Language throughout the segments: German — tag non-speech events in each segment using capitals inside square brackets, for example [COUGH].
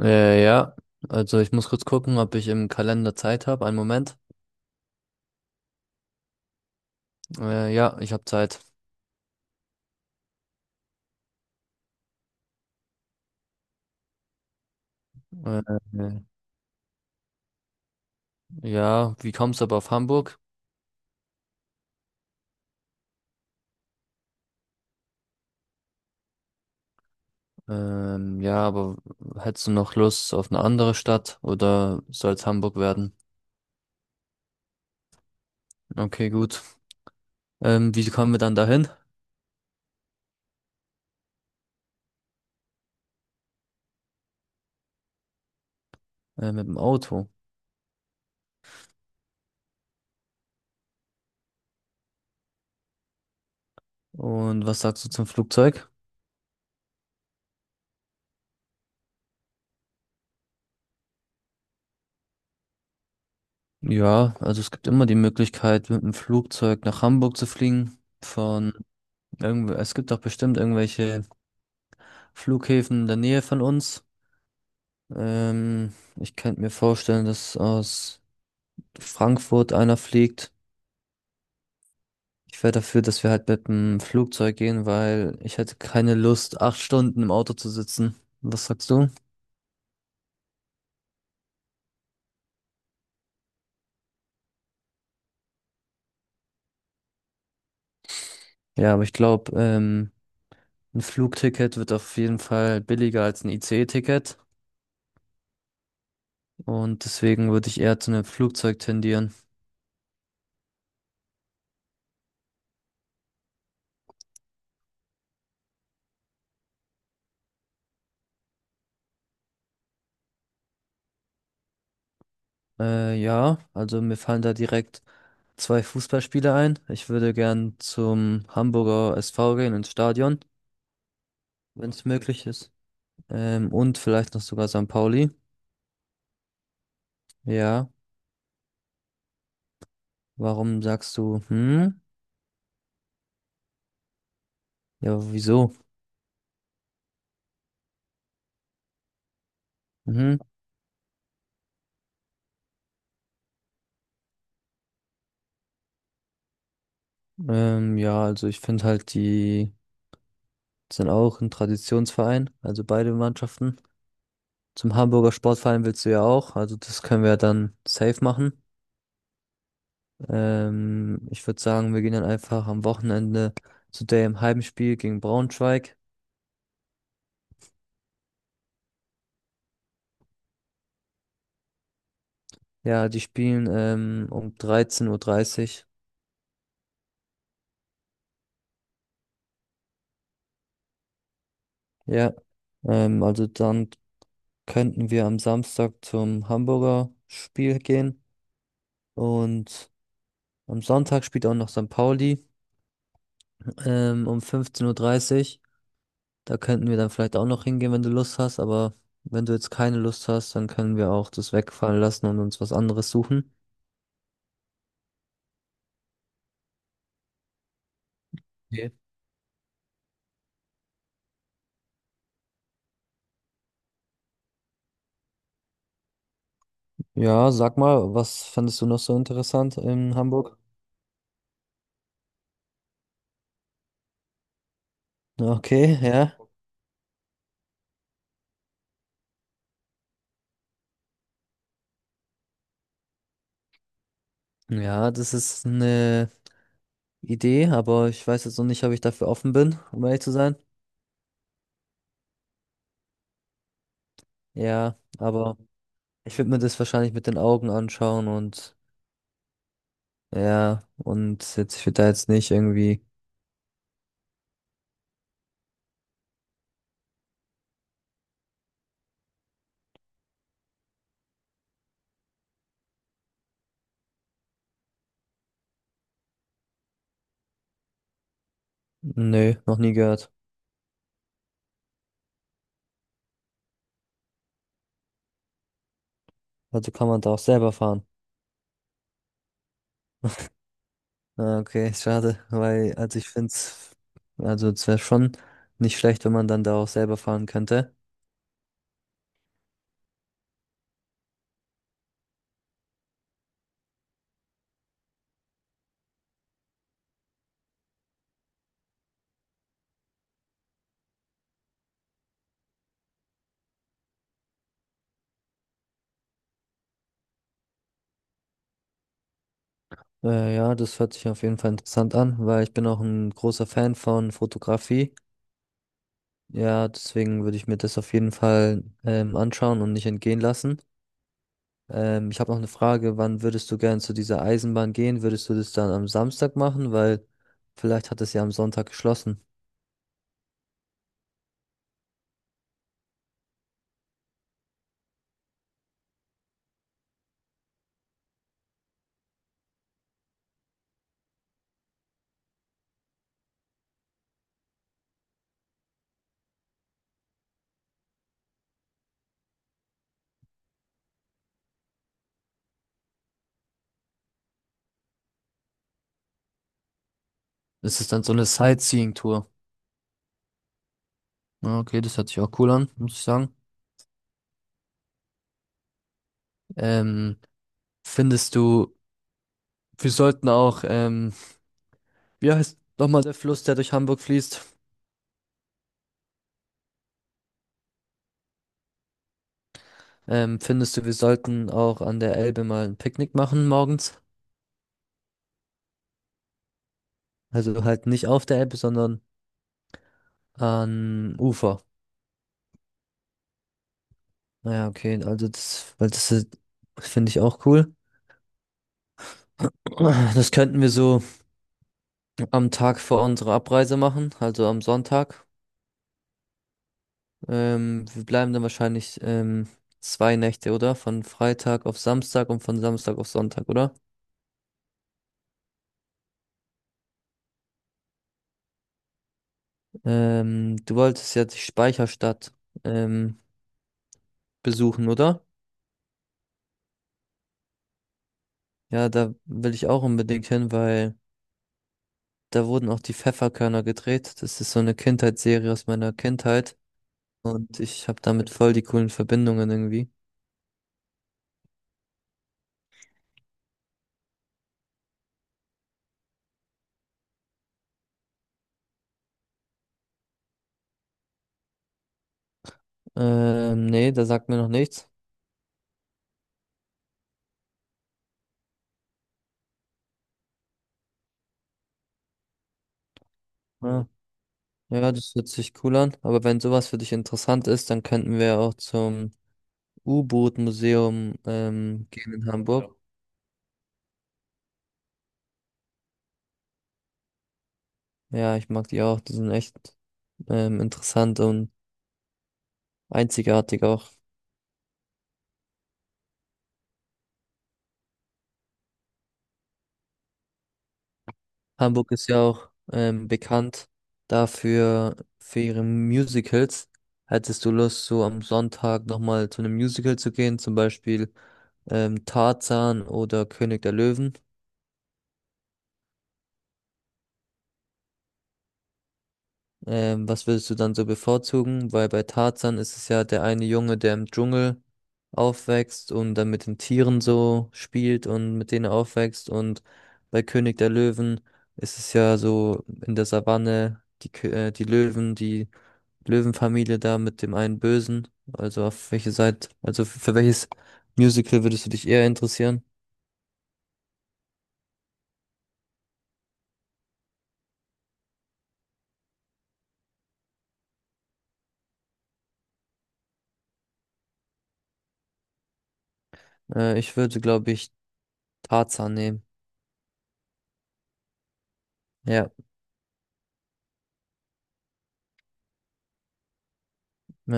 Äh, ja, also ich muss kurz gucken, ob ich im Kalender Zeit habe. Einen Moment. Ja, Ich habe Zeit. Äh, ja, wie kommst du aber auf Hamburg? Ja, aber hättest du noch Lust auf eine andere Stadt oder soll es Hamburg werden? Okay, gut. Wie kommen wir dann dahin? Mit dem Auto. Und was sagst du zum Flugzeug? Ja, also es gibt immer die Möglichkeit, mit dem Flugzeug nach Hamburg zu fliegen. Von irgendwo, es gibt doch bestimmt irgendwelche Flughäfen in der Nähe von uns. Ich könnte mir vorstellen, dass aus Frankfurt einer fliegt. Ich wäre dafür, dass wir halt mit dem Flugzeug gehen, weil ich hätte keine Lust, 8 Stunden im Auto zu sitzen. Was sagst du? Ja, aber ich glaube, ein Flugticket wird auf jeden Fall billiger als ein ICE-Ticket. Und deswegen würde ich eher zu einem Flugzeug tendieren. Ja, also mir fallen da direkt zwei Fußballspieler ein. Ich würde gern zum Hamburger SV gehen ins Stadion, wenn es möglich ist. Und vielleicht noch sogar St. Pauli. Ja. Warum sagst du, hm? Ja, wieso? Mhm. Ja, also ich finde halt, die sind auch ein Traditionsverein, also beide Mannschaften. Zum Hamburger Sportverein willst du ja auch, also das können wir dann safe machen. Ich würde sagen, wir gehen dann einfach am Wochenende zu dem Heimspiel gegen Braunschweig. Ja, die spielen um 13.30 Uhr. dreißig. Ja, also dann könnten wir am Samstag zum Hamburger Spiel gehen und am Sonntag spielt auch noch St. Pauli um 15.30 Uhr. dreißig. Da könnten wir dann vielleicht auch noch hingehen, wenn du Lust hast, aber wenn du jetzt keine Lust hast, dann können wir auch das wegfallen lassen und uns was anderes suchen. Okay. Ja, sag mal, was fandest du noch so interessant in Hamburg? Okay, ja. Ja, das ist eine Idee, aber ich weiß jetzt noch nicht, ob ich dafür offen bin, um ehrlich zu sein. Ja, aber ich würde mir das wahrscheinlich mit den Augen anschauen und ja, und jetzt, ich würde da jetzt nicht irgendwie, nö, noch nie gehört. Also kann man da auch selber fahren. Ah, okay, [LAUGHS] schade, weil, also ich finde es, also es wäre schon nicht schlecht, wenn man dann da auch selber fahren könnte. Ja, Das hört sich auf jeden Fall interessant an, weil ich bin auch ein großer Fan von Fotografie. Ja, deswegen würde ich mir das auf jeden Fall anschauen und nicht entgehen lassen. Ich habe noch eine Frage, wann würdest du gern zu dieser Eisenbahn gehen? Würdest du das dann am Samstag machen? Weil vielleicht hat es ja am Sonntag geschlossen. Das ist dann so eine Sightseeing-Tour. Ja, okay, das hört sich auch cool an, muss ich sagen. Ähm, findest du, wir sollten auch, wie heißt nochmal der Fluss, der durch Hamburg fließt? Findest du, wir sollten auch an der Elbe mal ein Picknick machen morgens? Also halt nicht auf der Elbe, sondern an Ufer. Naja, okay, also das, weil das ist- finde ich auch cool. [LAUGHS] Das könnten wir so am Tag vor unserer Abreise machen, also am Sonntag. Wir bleiben dann wahrscheinlich 2 Nächte, oder? Von Freitag auf Samstag und von Samstag auf Sonntag, oder? Du wolltest ja die Speicherstadt ähm, besuchen, oder? Ja, da will ich auch unbedingt hin, weil da wurden auch die Pfefferkörner gedreht. Das ist so eine Kindheitsserie aus meiner Kindheit und ich habe damit voll die coolen Verbindungen irgendwie. Nee, da sagt mir noch nichts. Ja. Ja, das hört sich cool an. Aber wenn sowas für dich interessant ist, dann könnten wir auch zum U-Boot-Museum gehen in Ja. Hamburg. Ja, ich mag die auch. Die sind echt interessant und einzigartig auch. Hamburg ist ja auch bekannt dafür, für ihre Musicals. Hättest du Lust, so am Sonntag nochmal zu einem Musical zu gehen, zum Beispiel Tarzan oder König der Löwen? Was würdest du dann so bevorzugen? Weil bei Tarzan ist es ja der eine Junge, der im Dschungel aufwächst und dann mit den Tieren so spielt und mit denen aufwächst. Und bei König der Löwen ist es ja so in der Savanne die Löwen, die Löwenfamilie da mit dem einen Bösen. Also auf welche Seite, also für welches Musical würdest du dich eher interessieren? Ich würde, glaube ich, Tarzan nehmen. Ja. Äh,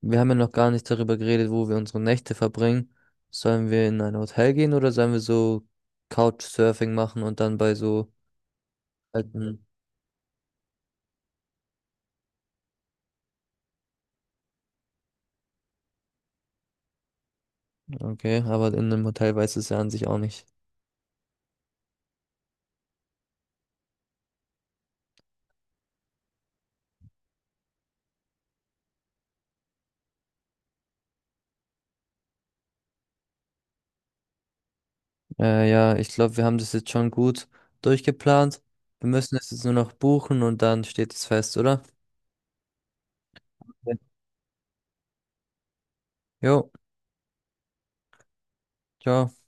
wir haben ja noch gar nicht darüber geredet, wo wir unsere Nächte verbringen. Sollen wir in ein Hotel gehen oder sollen wir so Couchsurfing machen und dann bei so alten... Okay, aber in einem Hotel weiß es ja an sich auch nicht. Ja, Ich glaube, wir haben das jetzt schon gut durchgeplant. Wir müssen es jetzt nur noch buchen und dann steht es fest, oder? Ja. Jo, ciao.